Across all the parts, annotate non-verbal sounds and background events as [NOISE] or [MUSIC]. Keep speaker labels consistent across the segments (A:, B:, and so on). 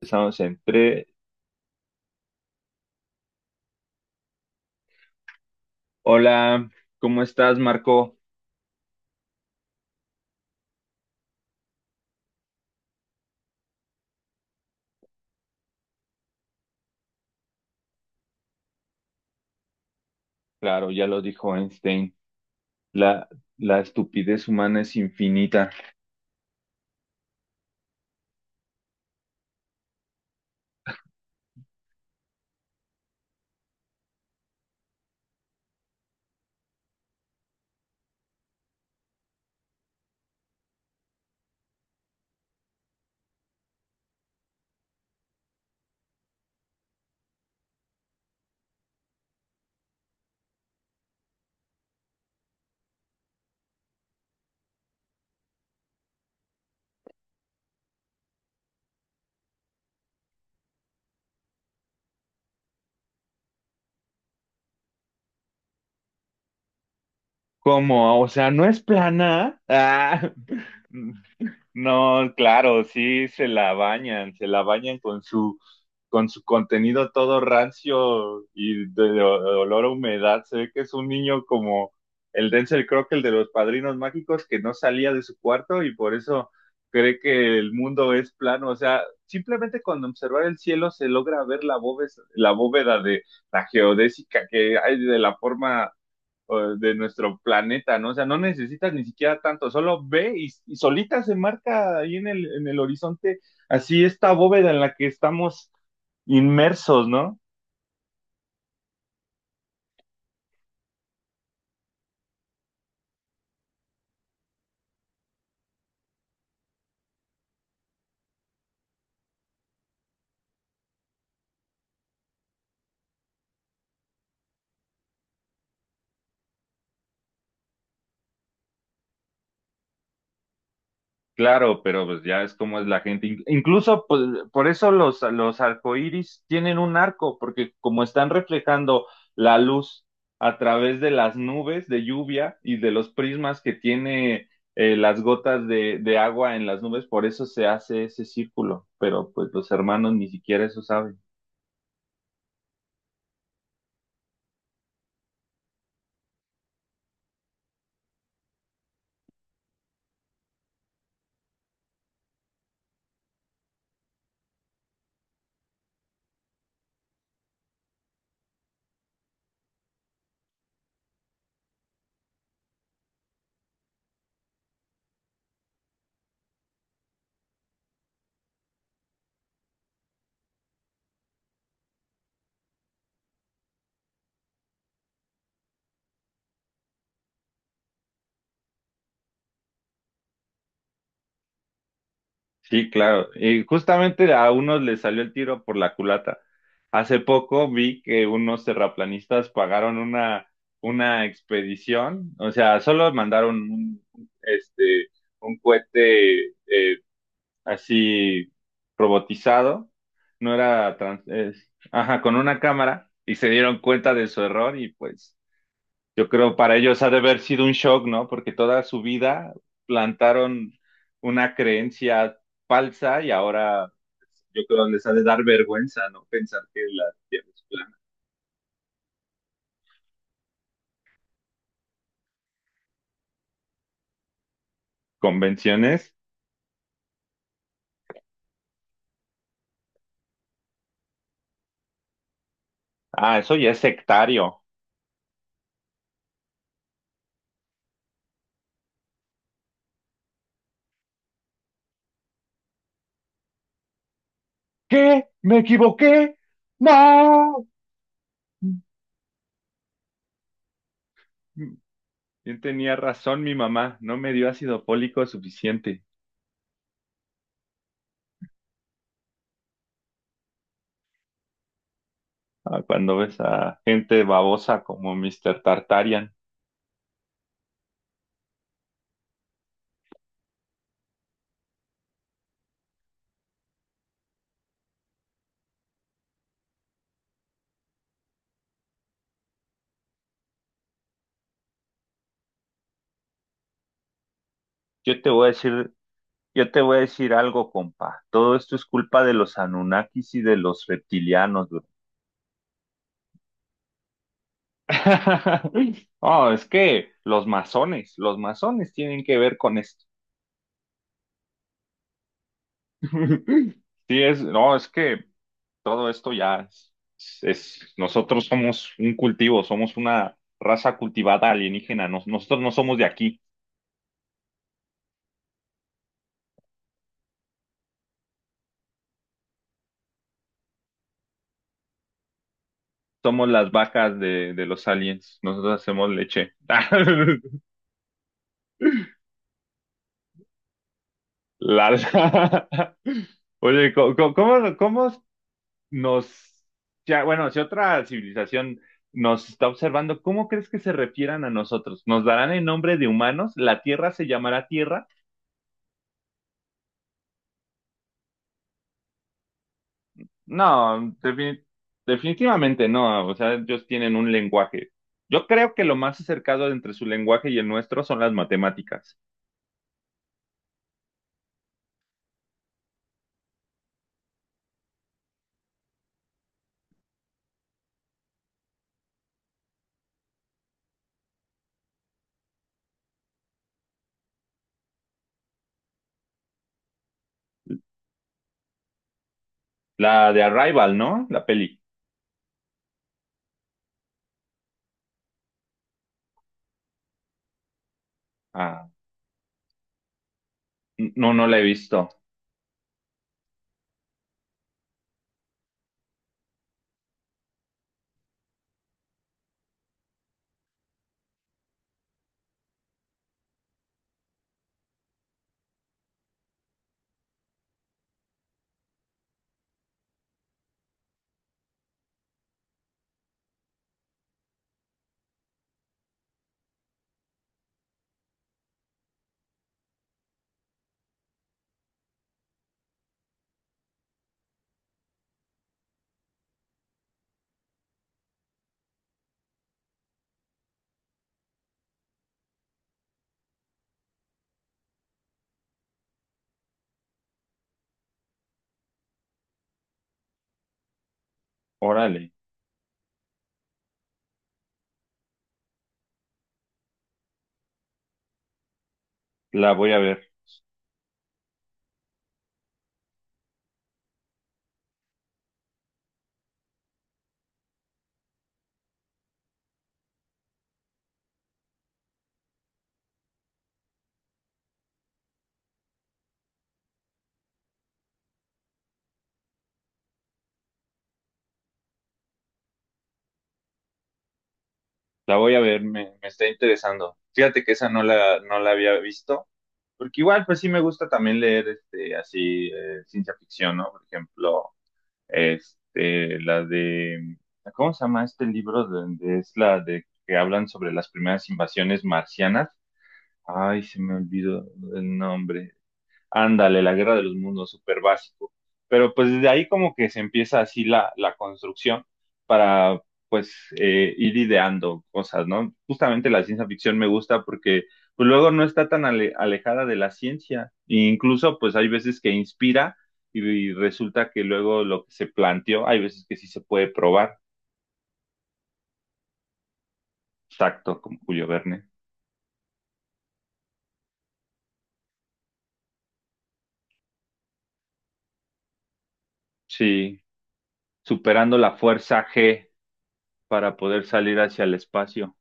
A: Estamos en tres. Hola, ¿cómo estás, Marco? Claro, ya lo dijo Einstein. La, la estupidez humana es infinita. ¿Cómo? O sea, ¿no es plana? Ah. [LAUGHS] No, claro, sí se la bañan con su contenido todo rancio y de olor a humedad. Se ve que es un niño como el Denzel Crockett, de los Padrinos Mágicos, que no salía de su cuarto y por eso cree que el mundo es plano. O sea, simplemente con observar el cielo se logra ver la bóveda de la geodésica que hay de la forma de nuestro planeta, ¿no? O sea, no necesitas ni siquiera tanto, solo ve y solita se marca ahí en el horizonte, así esta bóveda en la que estamos inmersos, ¿no? Claro, pero pues ya es como es la gente. Incluso pues, por eso los arcoíris tienen un arco, porque como están reflejando la luz a través de las nubes de lluvia y de los prismas que tiene las gotas de agua en las nubes, por eso se hace ese círculo. Pero pues los hermanos ni siquiera eso saben. Sí, claro. Y justamente a unos les salió el tiro por la culata. Hace poco vi que unos terraplanistas pagaron una expedición, o sea, solo mandaron un, este, un cohete así robotizado, no era, trans- es- ajá, con una cámara y se dieron cuenta de su error y pues yo creo para ellos ha de haber sido un shock, ¿no? Porque toda su vida plantaron una creencia falsa y ahora yo creo les ha de dar vergüenza, ¿no? Pensar que la Tierra es plana. Convenciones. Ah, eso ya es sectario. ¿Qué? ¿Me equivoqué? ¡No! ¿Quién tenía razón? Mi mamá no me dio ácido fólico suficiente. Ah, cuando ves a gente babosa como Mr. Tartarian. Yo te voy a decir Yo te voy a decir algo, compa. Todo esto es culpa de los Anunnakis y de los reptilianos, bro. [LAUGHS] Oh, es que los masones tienen que ver con esto. [LAUGHS] Sí, es, no, es que todo esto ya es, nosotros somos un cultivo, somos una raza cultivada alienígena, nosotros no somos de aquí, somos las vacas de los aliens, nosotros hacemos leche. [LAUGHS] La- la- Oye, ¿cómo nos, ya, bueno, si otra civilización nos está observando, ¿cómo crees que se refieran a nosotros? ¿Nos darán el nombre de humanos? ¿La Tierra se llamará Tierra? No, defini- Definitivamente no, o sea, ellos tienen un lenguaje. Yo creo que lo más acercado entre su lenguaje y el nuestro son las matemáticas. La de Arrival, ¿no? La peli. Ah, no, no la he visto. Órale, la voy a ver, la voy a ver, me está interesando. Fíjate que esa no la había visto. Porque igual, pues sí me gusta también leer este, así, ciencia ficción, ¿no? Por ejemplo, este, ¿cómo se llama este libro? Es la de que hablan sobre las primeras invasiones marcianas. Ay, se me olvidó el nombre. Ándale, la Guerra de los Mundos, súper básico. Pero pues desde ahí como que se empieza así la, la construcción para pues ir ideando cosas, ¿no? Justamente la ciencia ficción me gusta porque pues luego no está tan alejada de la ciencia. E incluso pues hay veces que inspira y resulta que luego lo que se planteó, hay veces que sí se puede probar. Exacto, como Julio Verne. Sí, superando la fuerza G para poder salir hacia el espacio.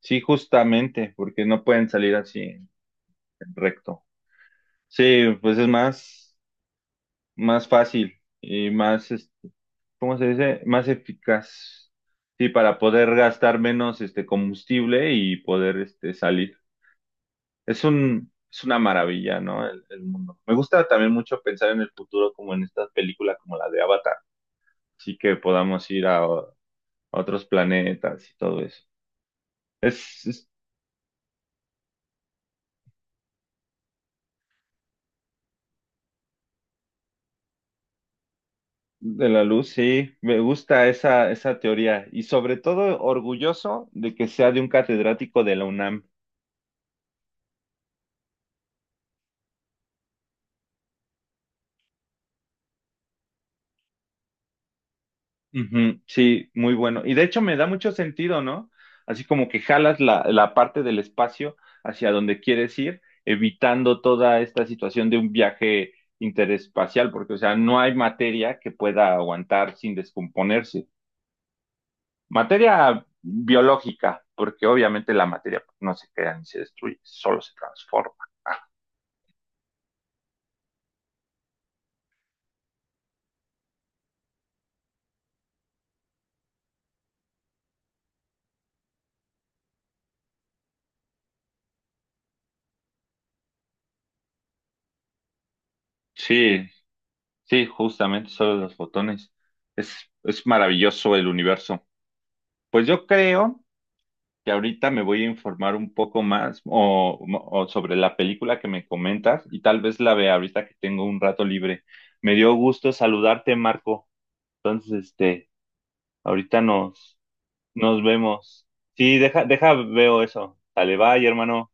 A: Sí, justamente, porque no pueden salir así en recto. Sí, pues es más, más fácil y ¿cómo se dice? Más eficaz. Sí, para poder gastar menos este combustible y poder este salir. Es una maravilla, ¿no? El mundo. Me gusta también mucho pensar en el futuro como en estas películas como la de Avatar, así que podamos ir a otros planetas y todo eso. De la luz, sí, me gusta esa, esa teoría y sobre todo orgulloso de que sea de un catedrático de la UNAM. Ujú, sí, muy bueno. Y de hecho me da mucho sentido, ¿no? Así como que jalas la parte del espacio hacia donde quieres ir, evitando toda esta situación de un viaje interespacial, porque, o sea, no hay materia que pueda aguantar sin descomponerse. Materia biológica, porque obviamente la materia pues, no se crea ni se destruye, solo se transforma. Sí, sí, justamente solo los botones. Es, es maravilloso el universo. Pues yo creo que ahorita me voy a informar un poco más o sobre la película que me comentas y tal vez la vea ahorita que tengo un rato libre. Me dio gusto saludarte, Marco. Entonces, este, ahorita nos, nos vemos. Sí, deja, veo eso. Dale, bye, hermano.